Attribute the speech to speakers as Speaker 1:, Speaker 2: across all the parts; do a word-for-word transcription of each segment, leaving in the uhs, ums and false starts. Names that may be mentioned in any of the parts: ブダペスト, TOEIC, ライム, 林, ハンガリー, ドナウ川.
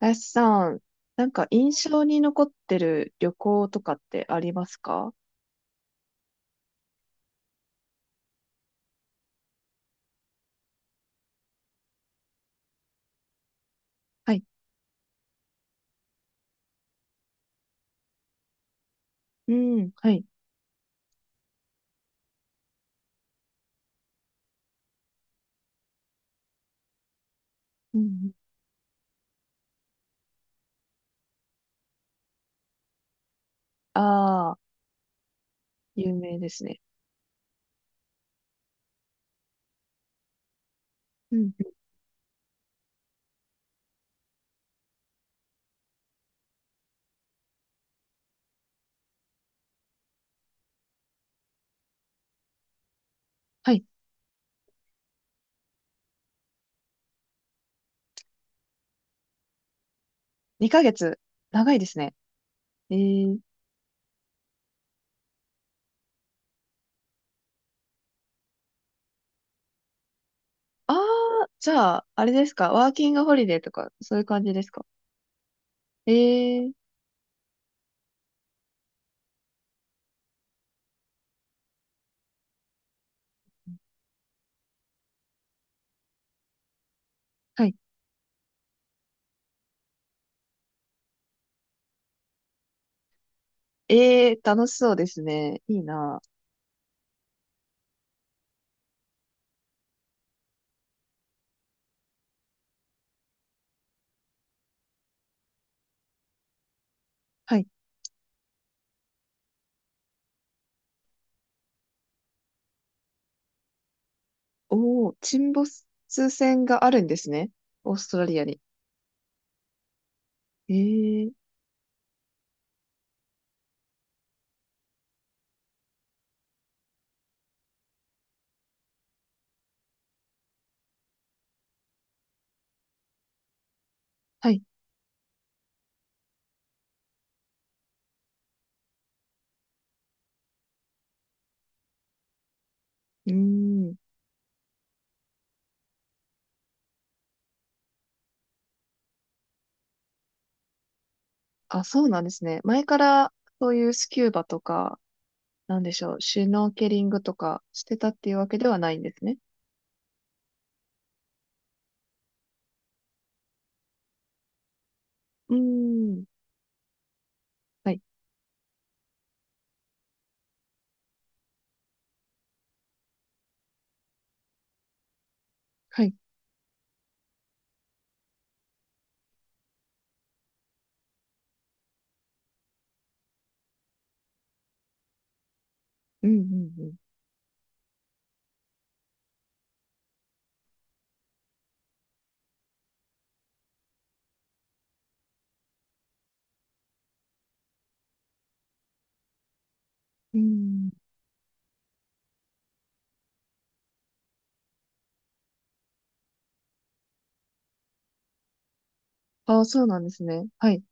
Speaker 1: 林さん、なんか印象に残ってる旅行とかってありますか？はい。うん、はい。うん、ああ、有名ですね。うん、はい。にかげつ。長いですね。えー、ああ、じゃあ、あれですか？ワーキングホリデーとか、そういう感じですか？えー、はい。えー、楽しそうですね。いいな。はい。おー、沈没船があるんですね。オーストラリアに。えー、はい。うーん。あ、そうなんですね。前からそういうスキューバとか、なんでしょう、シュノーケリングとかしてたっていうわけではないんですね。うーん。はい。はい。うんうんうん。うーん。あ、そうなんですね。はい。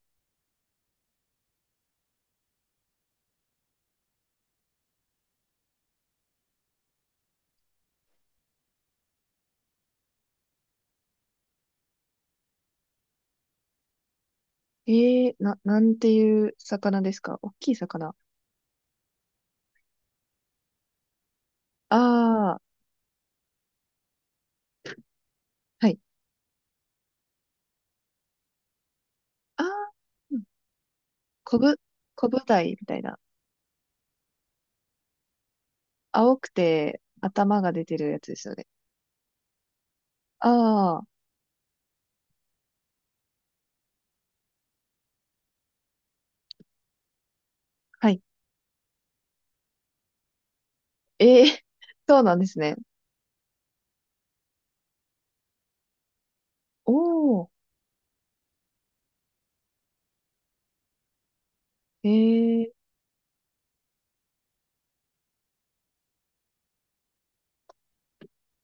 Speaker 1: ええ、な、なんていう魚ですか？大きい魚。ああ、はい。ああ、うん。コブ、コブダイみたいな。青くて頭が出てるやつですよね。ああ、はい。ええ、そうなんですね。おー、ええ、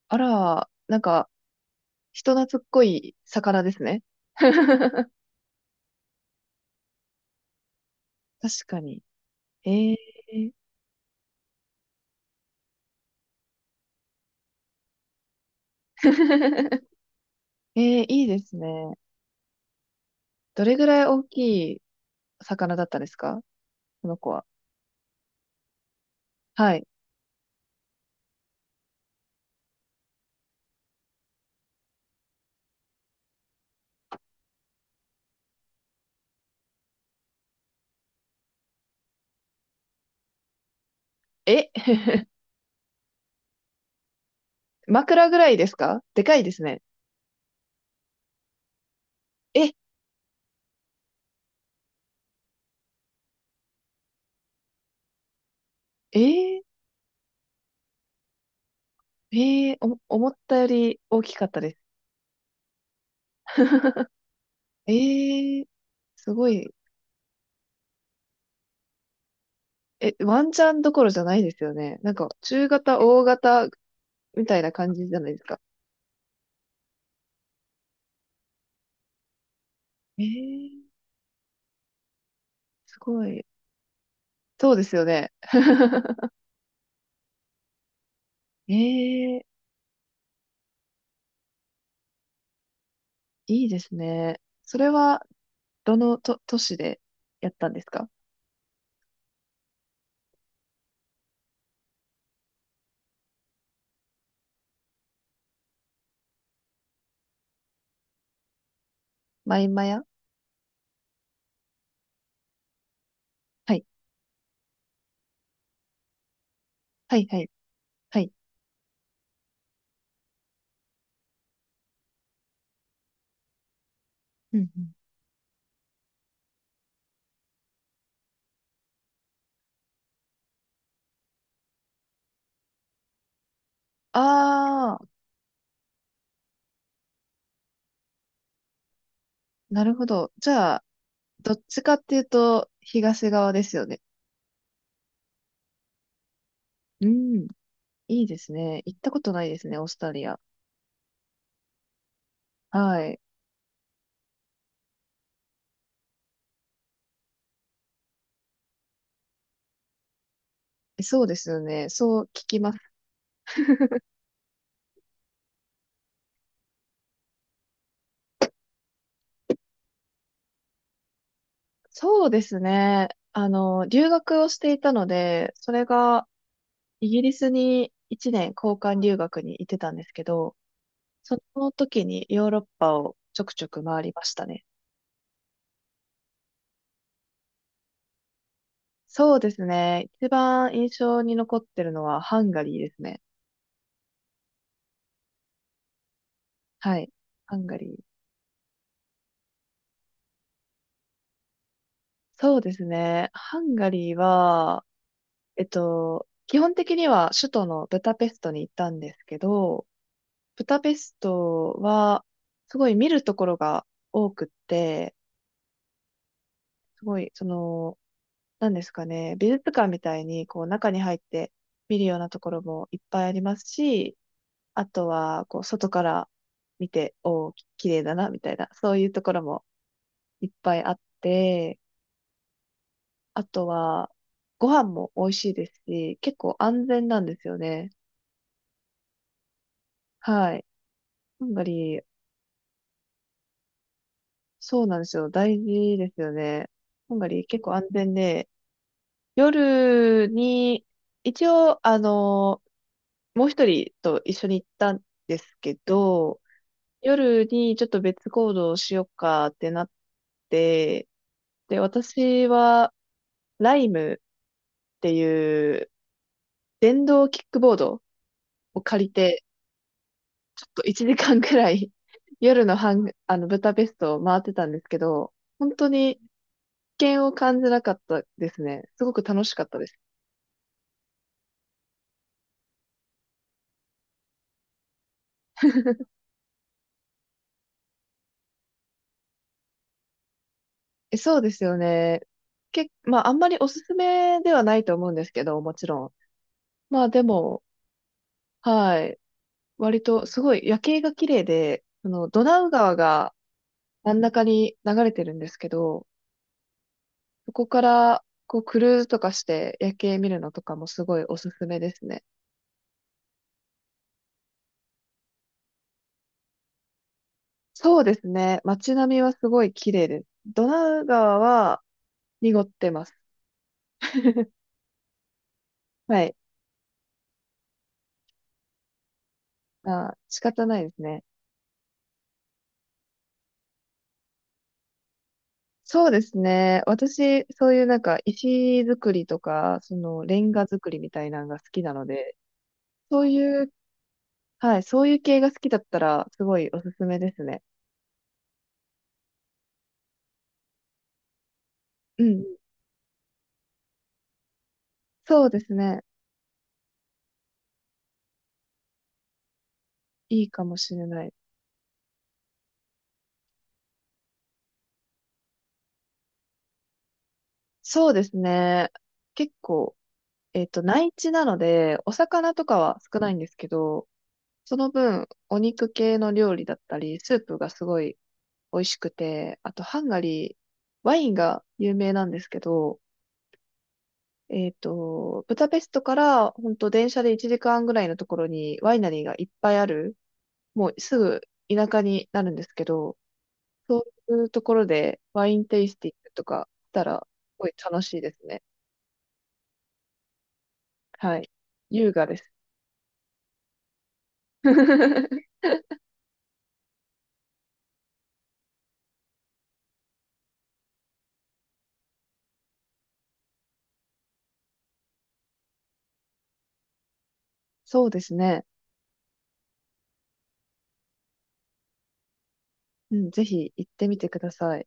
Speaker 1: あら、なんか、人懐っこい魚ですね。確かに。えー、えー、いいですね。どれぐらい大きい魚だったですか？この子は。はい。え、枕ぐらいですか？でかいですね。え、えー、えー、お、思ったより大きかったです。えー、すごい。え、ワンチャンどころじゃないですよね。なんか、中型、大型みたいな感じじゃないですか。えー、すごい。そうですよね。えー、いいですね。それは、どのと、都市でやったんですか？マイマヤ、はい。はい、はい、はい。うんうん。ああ、なるほど。じゃあ、どっちかっていうと、東側ですよね。うん。いいですね。行ったことないですね、オーストラリア。はい。そうですよね。そう聞きます。そうですね。あの、留学をしていたので、それが、イギリスにいちねん交換留学に行ってたんですけど、その時にヨーロッパをちょくちょく回りましたね。そうですね。一番印象に残ってるのはハンガリーですね。はい。ハンガリー。そうですね。ハンガリーは、えっと、基本的には首都のブダペストに行ったんですけど、ブダペストは、すごい見るところが多くって、すごい、その、なんですかね、美術館みたいに、こう、中に入って見るようなところもいっぱいありますし、あとは、こう、外から見て、おお、き、綺麗だな、みたいな、そういうところもいっぱいあって、あとは、ご飯も美味しいですし、結構安全なんですよね。はい。ハンガリー、そうなんですよ。大事ですよね。ハンガリー結構安全で、夜に、一応、あの、もう一人と一緒に行ったんですけど、夜にちょっと別行動をしようかってなって、で、私は、ライムっていう電動キックボードを借りて、ちょっといちじかんくらい 夜のハン、あの、ブダペストを回ってたんですけど、本当に危険を感じなかったですね。すごく楽しかったです。え、そうですよね。け、まあ、あんまりおすすめではないと思うんですけど、もちろん。まあ、でも、はい。割と、すごい夜景が綺麗で、その、ドナウ川が真ん中に流れてるんですけど、そこから、こう、クルーズとかして夜景見るのとかもすごいおすすめですね。そうですね。街並みはすごい綺麗です。ドナウ川は濁ってます。はい。まあ、仕方ないですね。そうですね。私、そういうなんか石造りとか、そのレンガ造りみたいなのが好きなので、そういう、はい、そういう系が好きだったら、すごいおすすめですね。うん。そうですね。いいかもしれない。そうですね。結構、えっと、内地なので、お魚とかは少ないんですけど、その分、お肉系の料理だったり、スープがすごい美味しくて、あと、ハンガリー、ワインが有名なんですけど、えっと、ブダペストから本当電車でいちじかんぐらいのところにワイナリーがいっぱいある、もうすぐ田舎になるんですけど、そういうところでワインテイスティングとかしたら、すごい楽しいですね。はい。優雅です。そうですね。うん、ぜひ行ってみてください。